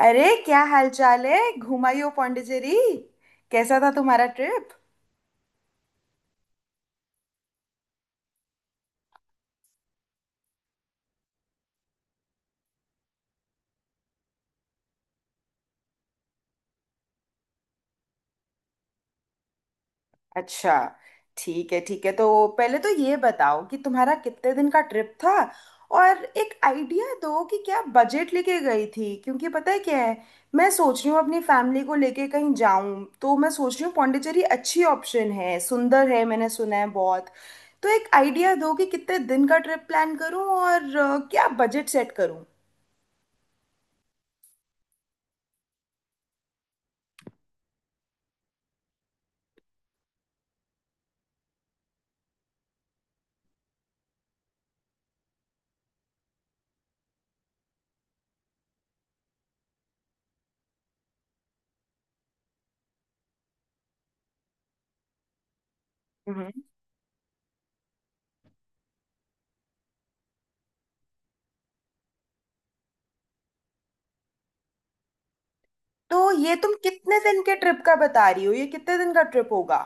अरे क्या हाल चाल है। घुमाई हो पौंडीचेरी। कैसा था तुम्हारा ट्रिप? अच्छा, ठीक है तो पहले तो ये बताओ कि तुम्हारा कितने दिन का ट्रिप था। और एक आइडिया दो कि क्या बजट लेके गई थी, क्योंकि पता है क्या है, मैं सोच रही हूँ अपनी फैमिली को लेके कहीं जाऊं। तो मैं सोच रही हूँ पौंडीचेरी अच्छी ऑप्शन है, सुंदर है, मैंने सुना है बहुत। तो एक आइडिया दो कि कितने दिन का ट्रिप प्लान करूं और क्या बजट सेट करूं। हम्म। तो ये तुम कितने दिन के ट्रिप का बता रही हो? ये कितने दिन का ट्रिप होगा?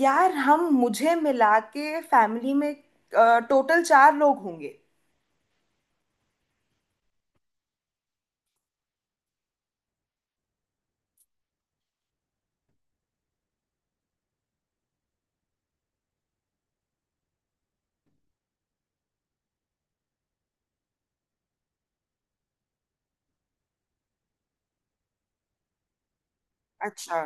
यार, हम मुझे मिला के फैमिली में टोटल चार लोग होंगे। अच्छा।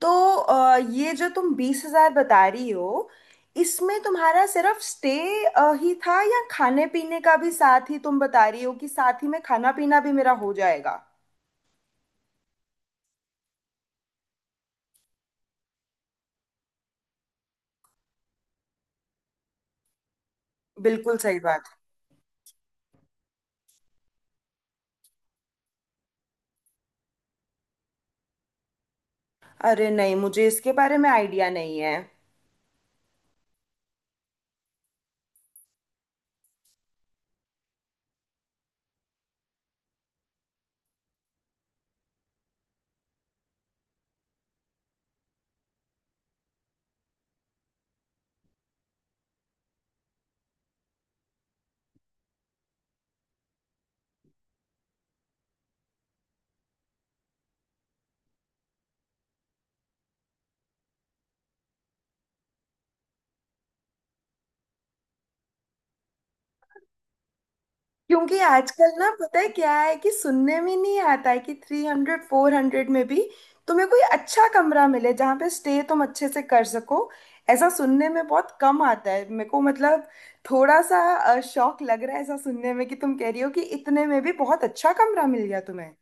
तो ये जो तुम 20,000 बता रही हो, इसमें तुम्हारा सिर्फ स्टे ही था, या खाने पीने का भी साथ ही तुम बता रही हो कि साथ ही में खाना पीना भी मेरा हो जाएगा? बिल्कुल सही बात। अरे नहीं, मुझे इसके बारे में आइडिया नहीं है। क्योंकि आजकल ना, पता है क्या है, कि सुनने में नहीं आता है कि 300, 400 में भी तुम्हें कोई अच्छा कमरा मिले जहाँ पे स्टे तुम अच्छे से कर सको। ऐसा सुनने में बहुत कम आता है मेरे को। मतलब थोड़ा सा शौक लग रहा है ऐसा सुनने में, कि तुम कह रही हो कि इतने में भी बहुत अच्छा कमरा मिल गया तुम्हें।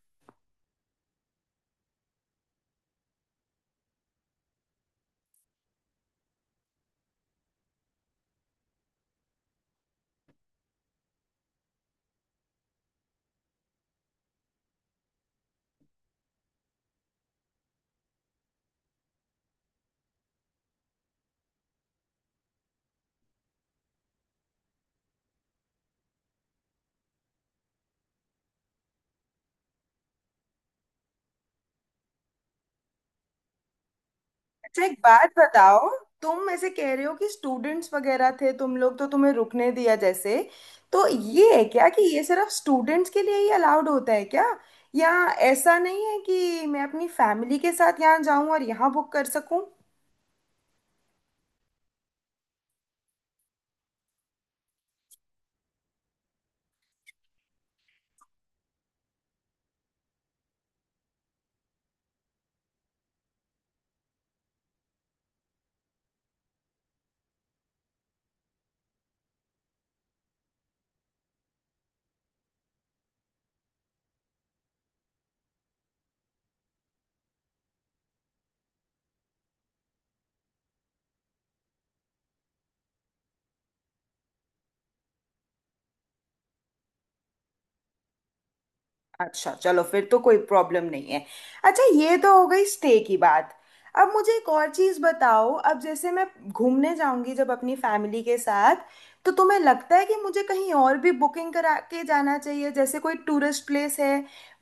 अच्छा, एक बात बताओ। तुम ऐसे कह रहे हो कि स्टूडेंट्स वगैरह थे तुम लोग, तो तुम्हें रुकने दिया। जैसे तो ये है क्या, कि ये सिर्फ स्टूडेंट्स के लिए ही अलाउड होता है क्या? या ऐसा नहीं है कि मैं अपनी फैमिली के साथ यहाँ जाऊँ और यहाँ बुक कर सकूँ? अच्छा, चलो फिर तो कोई प्रॉब्लम नहीं है। अच्छा, ये तो हो गई स्टे की बात। अब मुझे एक और चीज़ बताओ। अब जैसे मैं घूमने जाऊंगी जब अपनी फैमिली के साथ, तो तुम्हें लगता है कि मुझे कहीं और भी बुकिंग करा के जाना चाहिए? जैसे कोई टूरिस्ट प्लेस है,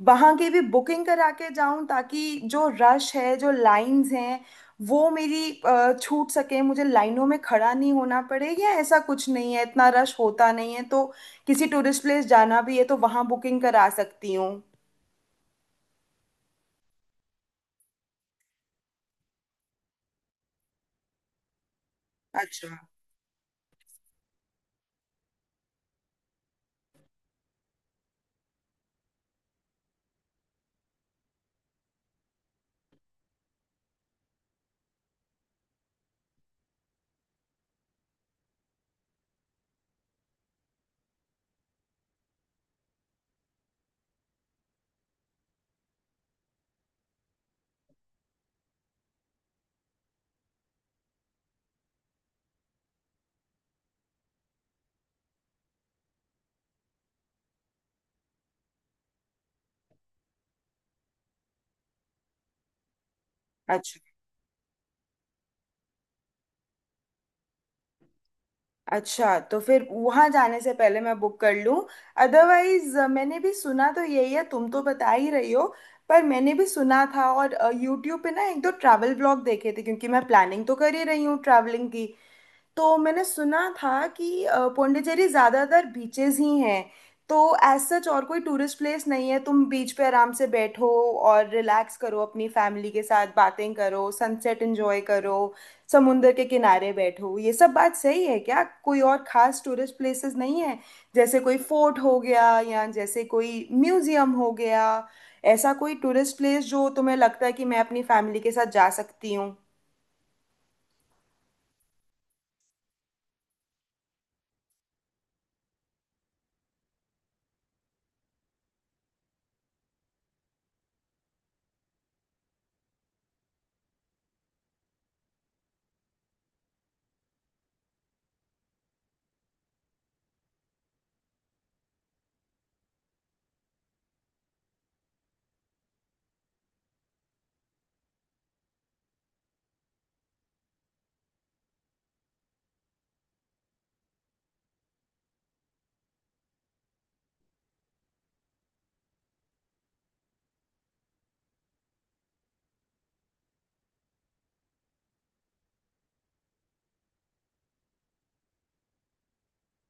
वहाँ की भी बुकिंग करा के जाऊं ताकि जो रश है, जो लाइंस हैं, वो मेरी छूट सके, मुझे लाइनों में खड़ा नहीं होना पड़े। या ऐसा कुछ नहीं है, इतना रश होता नहीं है, तो किसी टूरिस्ट प्लेस जाना भी है तो वहां बुकिंग करा सकती हूँ। अच्छा। अच्छा। अच्छा, तो फिर वहां जाने से पहले मैं बुक कर लूँ। अदरवाइज मैंने भी सुना तो यही है, तुम तो बता ही रही हो, पर मैंने भी सुना था। और यूट्यूब पे ना एक दो ट्रैवल ब्लॉग देखे थे, क्योंकि मैं प्लानिंग तो कर ही रही हूँ ट्रैवलिंग की। तो मैंने सुना था कि पौंडीचेरी ज्यादातर बीचेस ही हैं। तो एज सच और कोई टूरिस्ट प्लेस नहीं है, तुम बीच पे आराम से बैठो और रिलैक्स करो अपनी फैमिली के साथ, बातें करो, सनसेट एंजॉय करो, समुंदर के किनारे बैठो। ये सब बात सही है क्या? कोई और खास टूरिस्ट प्लेसेस नहीं है जैसे कोई फोर्ट हो गया, या जैसे कोई म्यूजियम हो गया, ऐसा कोई टूरिस्ट प्लेस जो तुम्हें लगता है कि मैं अपनी फैमिली के साथ जा सकती हूँ?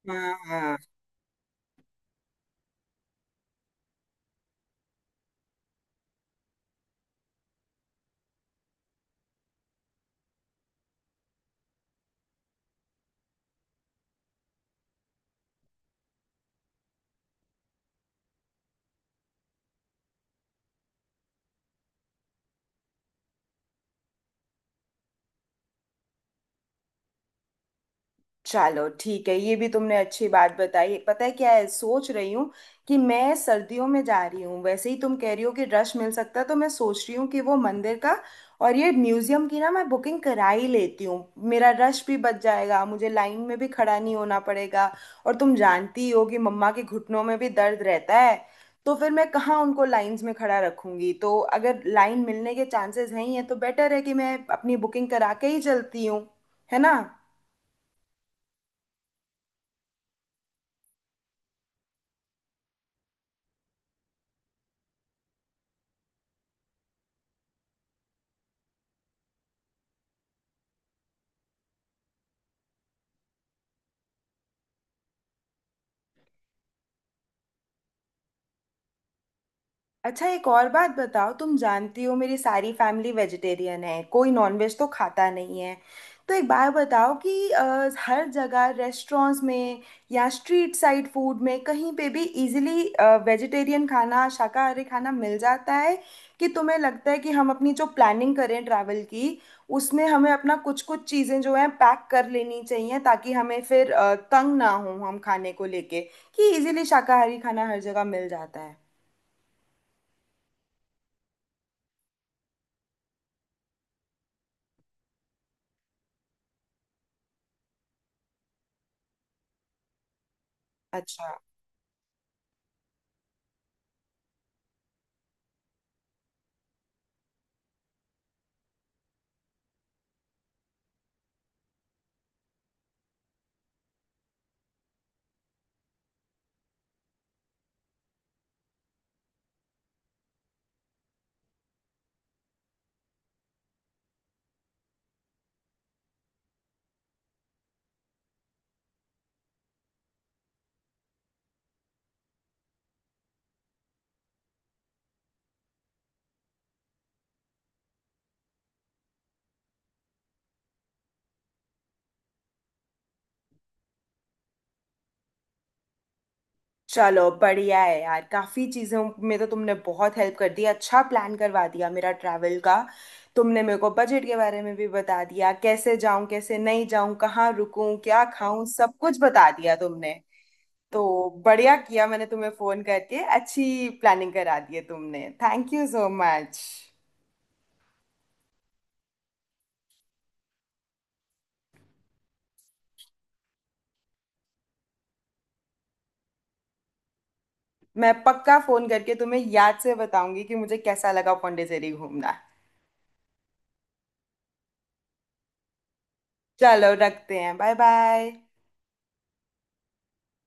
हाँ हाँ। चलो ठीक है, ये भी तुमने अच्छी बात बताई। पता है क्या है, सोच रही हूँ कि मैं सर्दियों में जा रही हूँ, वैसे ही तुम कह रही हो कि रश मिल सकता है, तो मैं सोच रही हूँ कि वो मंदिर का और ये म्यूजियम की ना, मैं बुकिंग करा ही लेती हूँ। मेरा रश भी बच जाएगा, मुझे लाइन में भी खड़ा नहीं होना पड़ेगा। और तुम जानती ही हो कि मम्मा के घुटनों में भी दर्द रहता है, तो फिर मैं कहाँ उनको लाइंस में खड़ा रखूंगी। तो अगर लाइन मिलने के चांसेस हैं ही हैं, तो बेटर है कि मैं अपनी बुकिंग करा के ही चलती हूँ, है ना? अच्छा, एक और बात बताओ। तुम जानती हो मेरी सारी फैमिली वेजिटेरियन है, कोई नॉनवेज तो खाता नहीं है। तो एक बात बताओ कि हर जगह रेस्टोरेंट्स में या स्ट्रीट साइड फूड में कहीं पे भी इजीली वेजिटेरियन खाना, शाकाहारी खाना मिल जाता है? कि तुम्हें लगता है कि हम अपनी जो प्लानिंग करें ट्रैवल की, उसमें हमें अपना कुछ कुछ चीज़ें जो है पैक कर लेनी चाहिए, ताकि हमें फिर तंग ना हो हम खाने को लेके? कि इजीली शाकाहारी खाना हर जगह मिल जाता है? अच्छा। चलो बढ़िया है यार, काफ़ी चीज़ों में तो तुमने बहुत हेल्प कर दी, अच्छा प्लान करवा दिया मेरा ट्रैवल का। तुमने मेरे को बजट के बारे में भी बता दिया, कैसे जाऊं, कैसे नहीं जाऊं, कहाँ रुकूं, क्या खाऊं, सब कुछ बता दिया तुमने। तो बढ़िया किया मैंने तुम्हें फ़ोन करके, अच्छी प्लानिंग करा दी है तुमने, थैंक यू सो मच। मैं पक्का फ़ोन करके तुम्हें याद से बताऊंगी कि मुझे कैसा लगा पौंडीचेरी घूमना। चलो रखते हैं, बाय बाय।